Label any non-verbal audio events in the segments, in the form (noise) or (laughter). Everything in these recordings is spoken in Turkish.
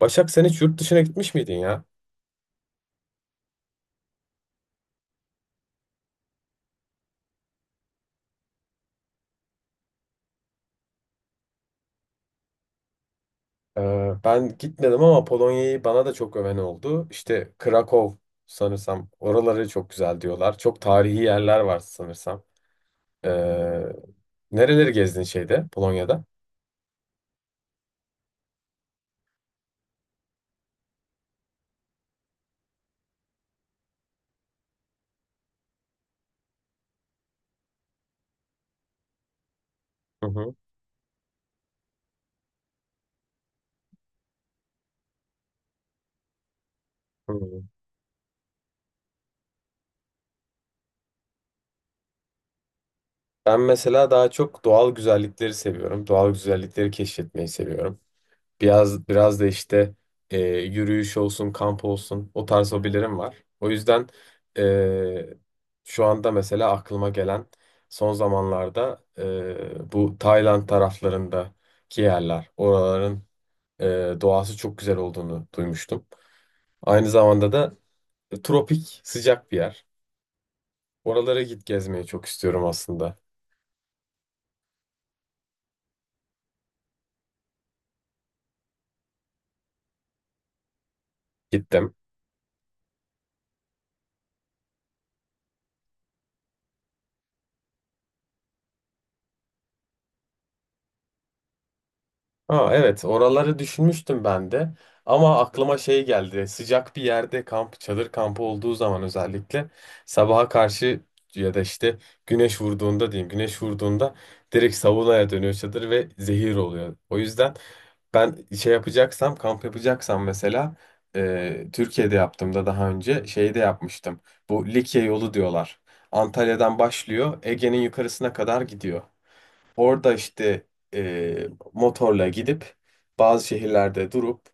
Başak, sen hiç yurt dışına gitmiş miydin ya? Ben gitmedim ama Polonya'yı bana da çok öven oldu. İşte Krakow sanırsam oraları çok güzel diyorlar. Çok tarihi yerler var sanırsam. Ee, Nereleri gezdin şeyde Polonya'da? Hı hı. Hı. Ben mesela daha çok doğal güzellikleri seviyorum. Doğal güzellikleri keşfetmeyi seviyorum. Biraz da işte yürüyüş olsun, kamp olsun o tarz hobilerim var. O yüzden e, şu anda mesela aklıma gelen son zamanlarda, bu Tayland taraflarındaki yerler, oraların e, doğası çok güzel olduğunu duymuştum. Aynı zamanda da tropik, sıcak bir yer. Oralara git gezmeyi çok istiyorum aslında. Gittim. Ha, evet, oraları düşünmüştüm ben de ama aklıma şey geldi, sıcak bir yerde kamp, çadır kampı olduğu zaman özellikle sabaha karşı ya da işte güneş vurduğunda diyeyim, güneş vurduğunda direkt saunaya dönüyor çadır ve zehir oluyor. O yüzden ben şey yapacaksam, kamp yapacaksam mesela, Türkiye'de yaptığımda daha önce şeyde yapmıştım, bu Likya yolu diyorlar, Antalya'dan başlıyor, Ege'nin yukarısına kadar gidiyor. Orada işte motorla gidip bazı şehirlerde durup,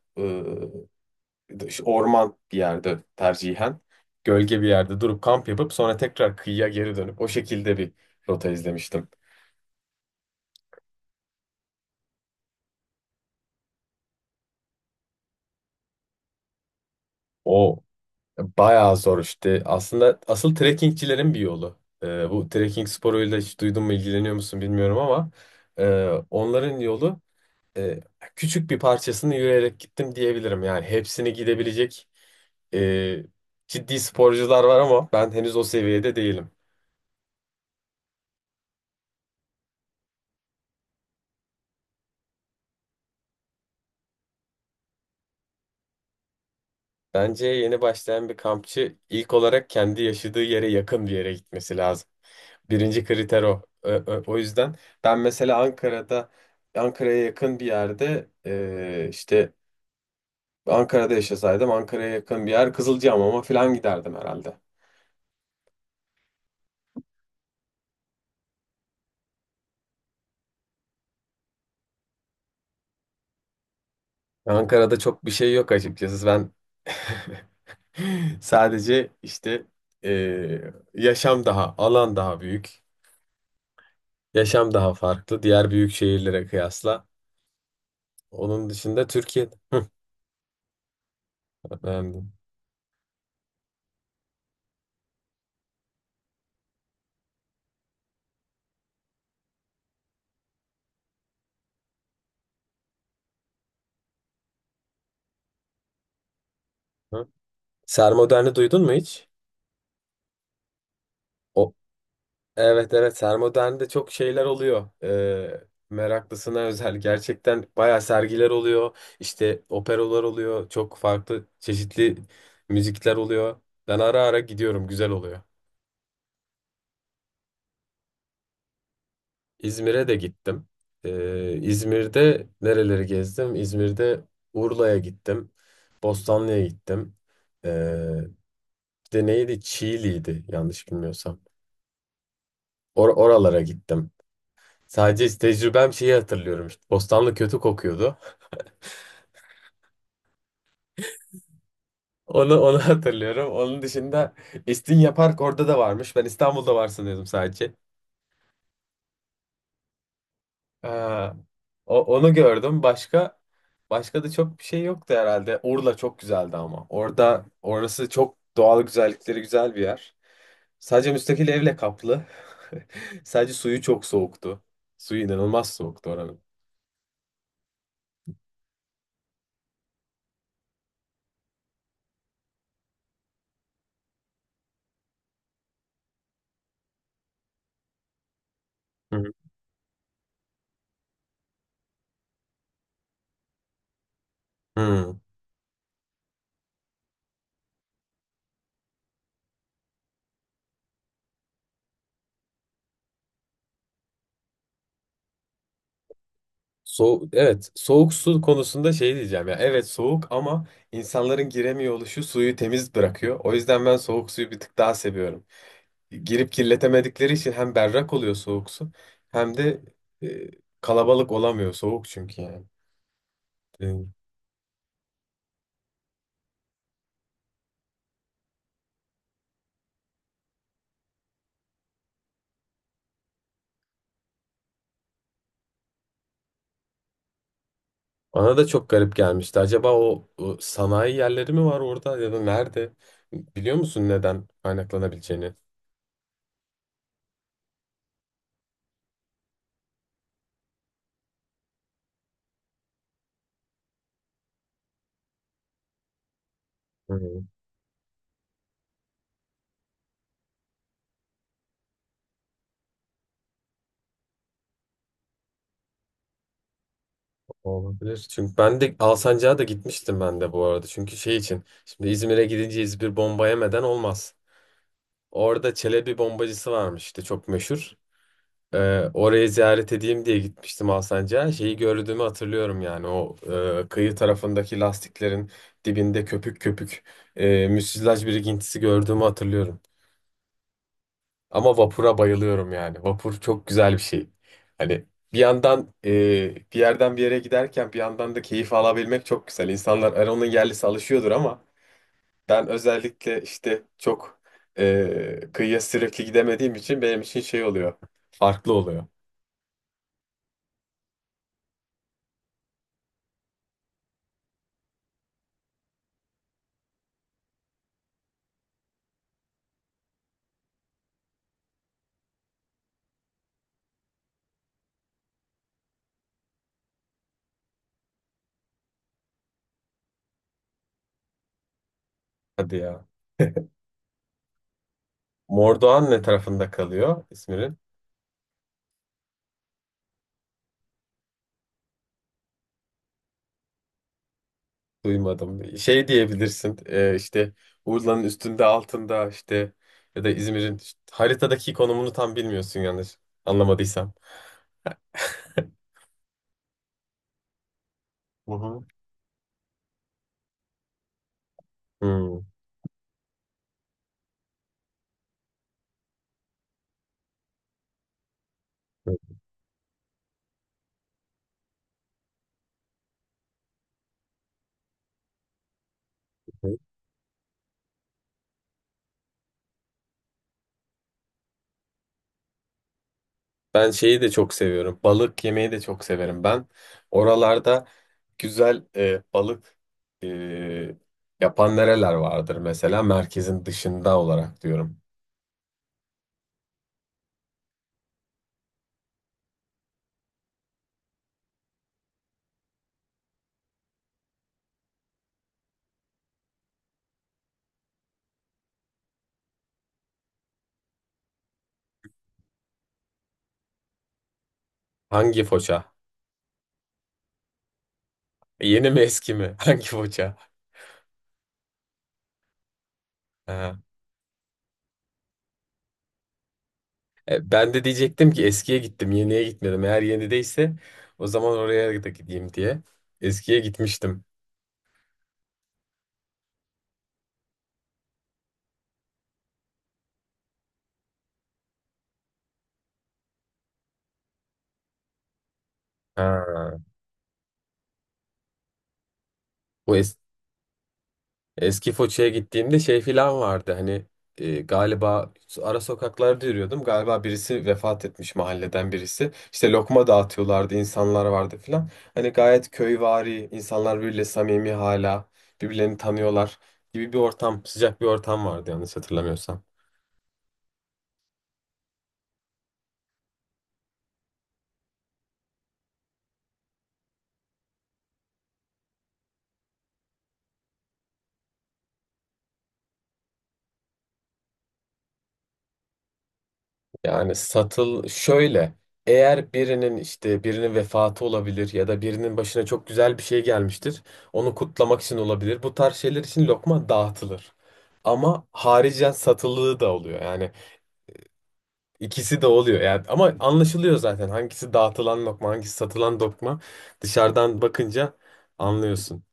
e, işte orman bir yerde tercihen, gölge bir yerde durup kamp yapıp sonra tekrar kıyıya geri dönüp o şekilde bir rota izlemiştim. O Bayağı zor işte. Aslında asıl trekkingçilerin bir yolu. Bu trekking sporuyla hiç duydun mu, ilgileniyor musun bilmiyorum ama e, onların yolu e, küçük bir parçasını yürüyerek gittim diyebilirim. Yani hepsini gidebilecek e, ciddi sporcular var ama ben henüz o seviyede değilim. Bence yeni başlayan bir kampçı ilk olarak kendi yaşadığı yere yakın bir yere gitmesi lazım. Birinci kriter o. O yüzden ben mesela Ankara'ya yakın bir yerde, işte Ankara'da yaşasaydım Ankara'ya yakın bir yer, Kızılcahamam'a falan giderdim herhalde. Ankara'da çok bir şey yok açıkçası. Ben (laughs) sadece işte yaşam daha, alan daha büyük, yaşam daha farklı diğer büyük şehirlere kıyasla. Onun dışında Türkiye'de. Hı. Beğendim. Hı. Sermodern'i duydun mu hiç? O, Evet, evet, Sermodern'de çok şeyler oluyor. Meraklısına özel gerçekten bayağı sergiler oluyor. İşte operalar oluyor. Çok farklı çeşitli müzikler oluyor. Ben ara ara gidiyorum, güzel oluyor. İzmir'e de gittim. İzmir'de nereleri gezdim? İzmir'de Urla'ya gittim. Bostanlı'ya gittim. Ee, Bir de neydi? Çiğli'ydi yanlış bilmiyorsam. Oralara gittim. Sadece tecrübem, şeyi hatırlıyorum. İşte Bostanlı kötü kokuyordu. Onu (laughs) hatırlıyorum. Onun dışında İstinye Park orada da varmış. Ben İstanbul'da var sanıyordum sadece. Ee, onu gördüm. Başka da çok bir şey yoktu herhalde. Urla çok güzeldi ama. Orası çok doğal güzellikleri güzel bir yer. Sadece müstakil evle kaplı. (laughs) Sadece suyu çok soğuktu. Suyu inanılmaz soğuktu oranın. Hı hı. Hı. Soğuk, evet, soğuk su konusunda şey diyeceğim ya, evet soğuk ama insanların giremiyor oluşu suyu temiz bırakıyor. O yüzden ben soğuk suyu bir tık daha seviyorum. Girip kirletemedikleri için hem berrak oluyor soğuk su hem de e, kalabalık olamıyor soğuk, çünkü yani. E, Bana da çok garip gelmişti. Acaba o sanayi yerleri mi var orada ya da nerede? Biliyor musun neden kaynaklanabileceğini? Hı. Olabilir. Çünkü ben de Alsancak'a da gitmiştim ben de bu arada. Çünkü şey için. Şimdi İzmir'e gidince İzmir bomba yemeden olmaz. Orada Çelebi bombacısı varmış işte, çok meşhur. Orayı ziyaret edeyim diye gitmiştim Alsancak'a. Şeyi gördüğümü hatırlıyorum yani. Kıyı tarafındaki lastiklerin dibinde köpük köpük müsilaj birikintisi gördüğümü hatırlıyorum. Ama vapura bayılıyorum yani. Vapur çok güzel bir şey. Hani bir yandan bir yerden bir yere giderken bir yandan da keyif alabilmek çok güzel. İnsanlar, hani onun yerlisi alışıyordur ama ben özellikle işte çok kıyıya sürekli gidemediğim için benim için şey oluyor. Farklı oluyor. Hadi ya. Mordoğan ne tarafında kalıyor İzmir'in? Duymadım. Şey diyebilirsin, işte Urla'nın üstünde, altında işte, ya da İzmir'in işte haritadaki konumunu tam bilmiyorsun yanlış anlamadıysam. Hı hı. Hmm. Hı hı. Ben şeyi de çok seviyorum. Balık yemeyi de çok severim. Ben oralarda güzel balık e, yapan nereler vardır mesela, merkezin dışında olarak diyorum. Hangi foça? Yeni mi eski mi? (laughs) Hangi foça? Ha. Ben de diyecektim ki eskiye gittim, yeniye gitmedim. Eğer yenideyse o zaman oraya da gideyim diye. Eskiye gitmiştim. Ha. Bu es Eski Foça'ya gittiğimde şey filan vardı, hani galiba ara sokaklarda yürüyordum, galiba birisi vefat etmiş mahalleden birisi, işte lokma dağıtıyorlardı, insanlar vardı filan, hani gayet köyvari, insanlar birbiriyle samimi, hala birbirlerini tanıyorlar gibi bir ortam, sıcak bir ortam vardı yanlış hatırlamıyorsam. Yani şöyle, eğer birinin işte, birinin vefatı olabilir ya da birinin başına çok güzel bir şey gelmiştir. Onu kutlamak için olabilir. Bu tarz şeyler için lokma dağıtılır. Ama haricen satılığı da oluyor. Yani ikisi de oluyor. Yani ama anlaşılıyor zaten hangisi dağıtılan lokma, hangisi satılan lokma. Dışarıdan bakınca anlıyorsun.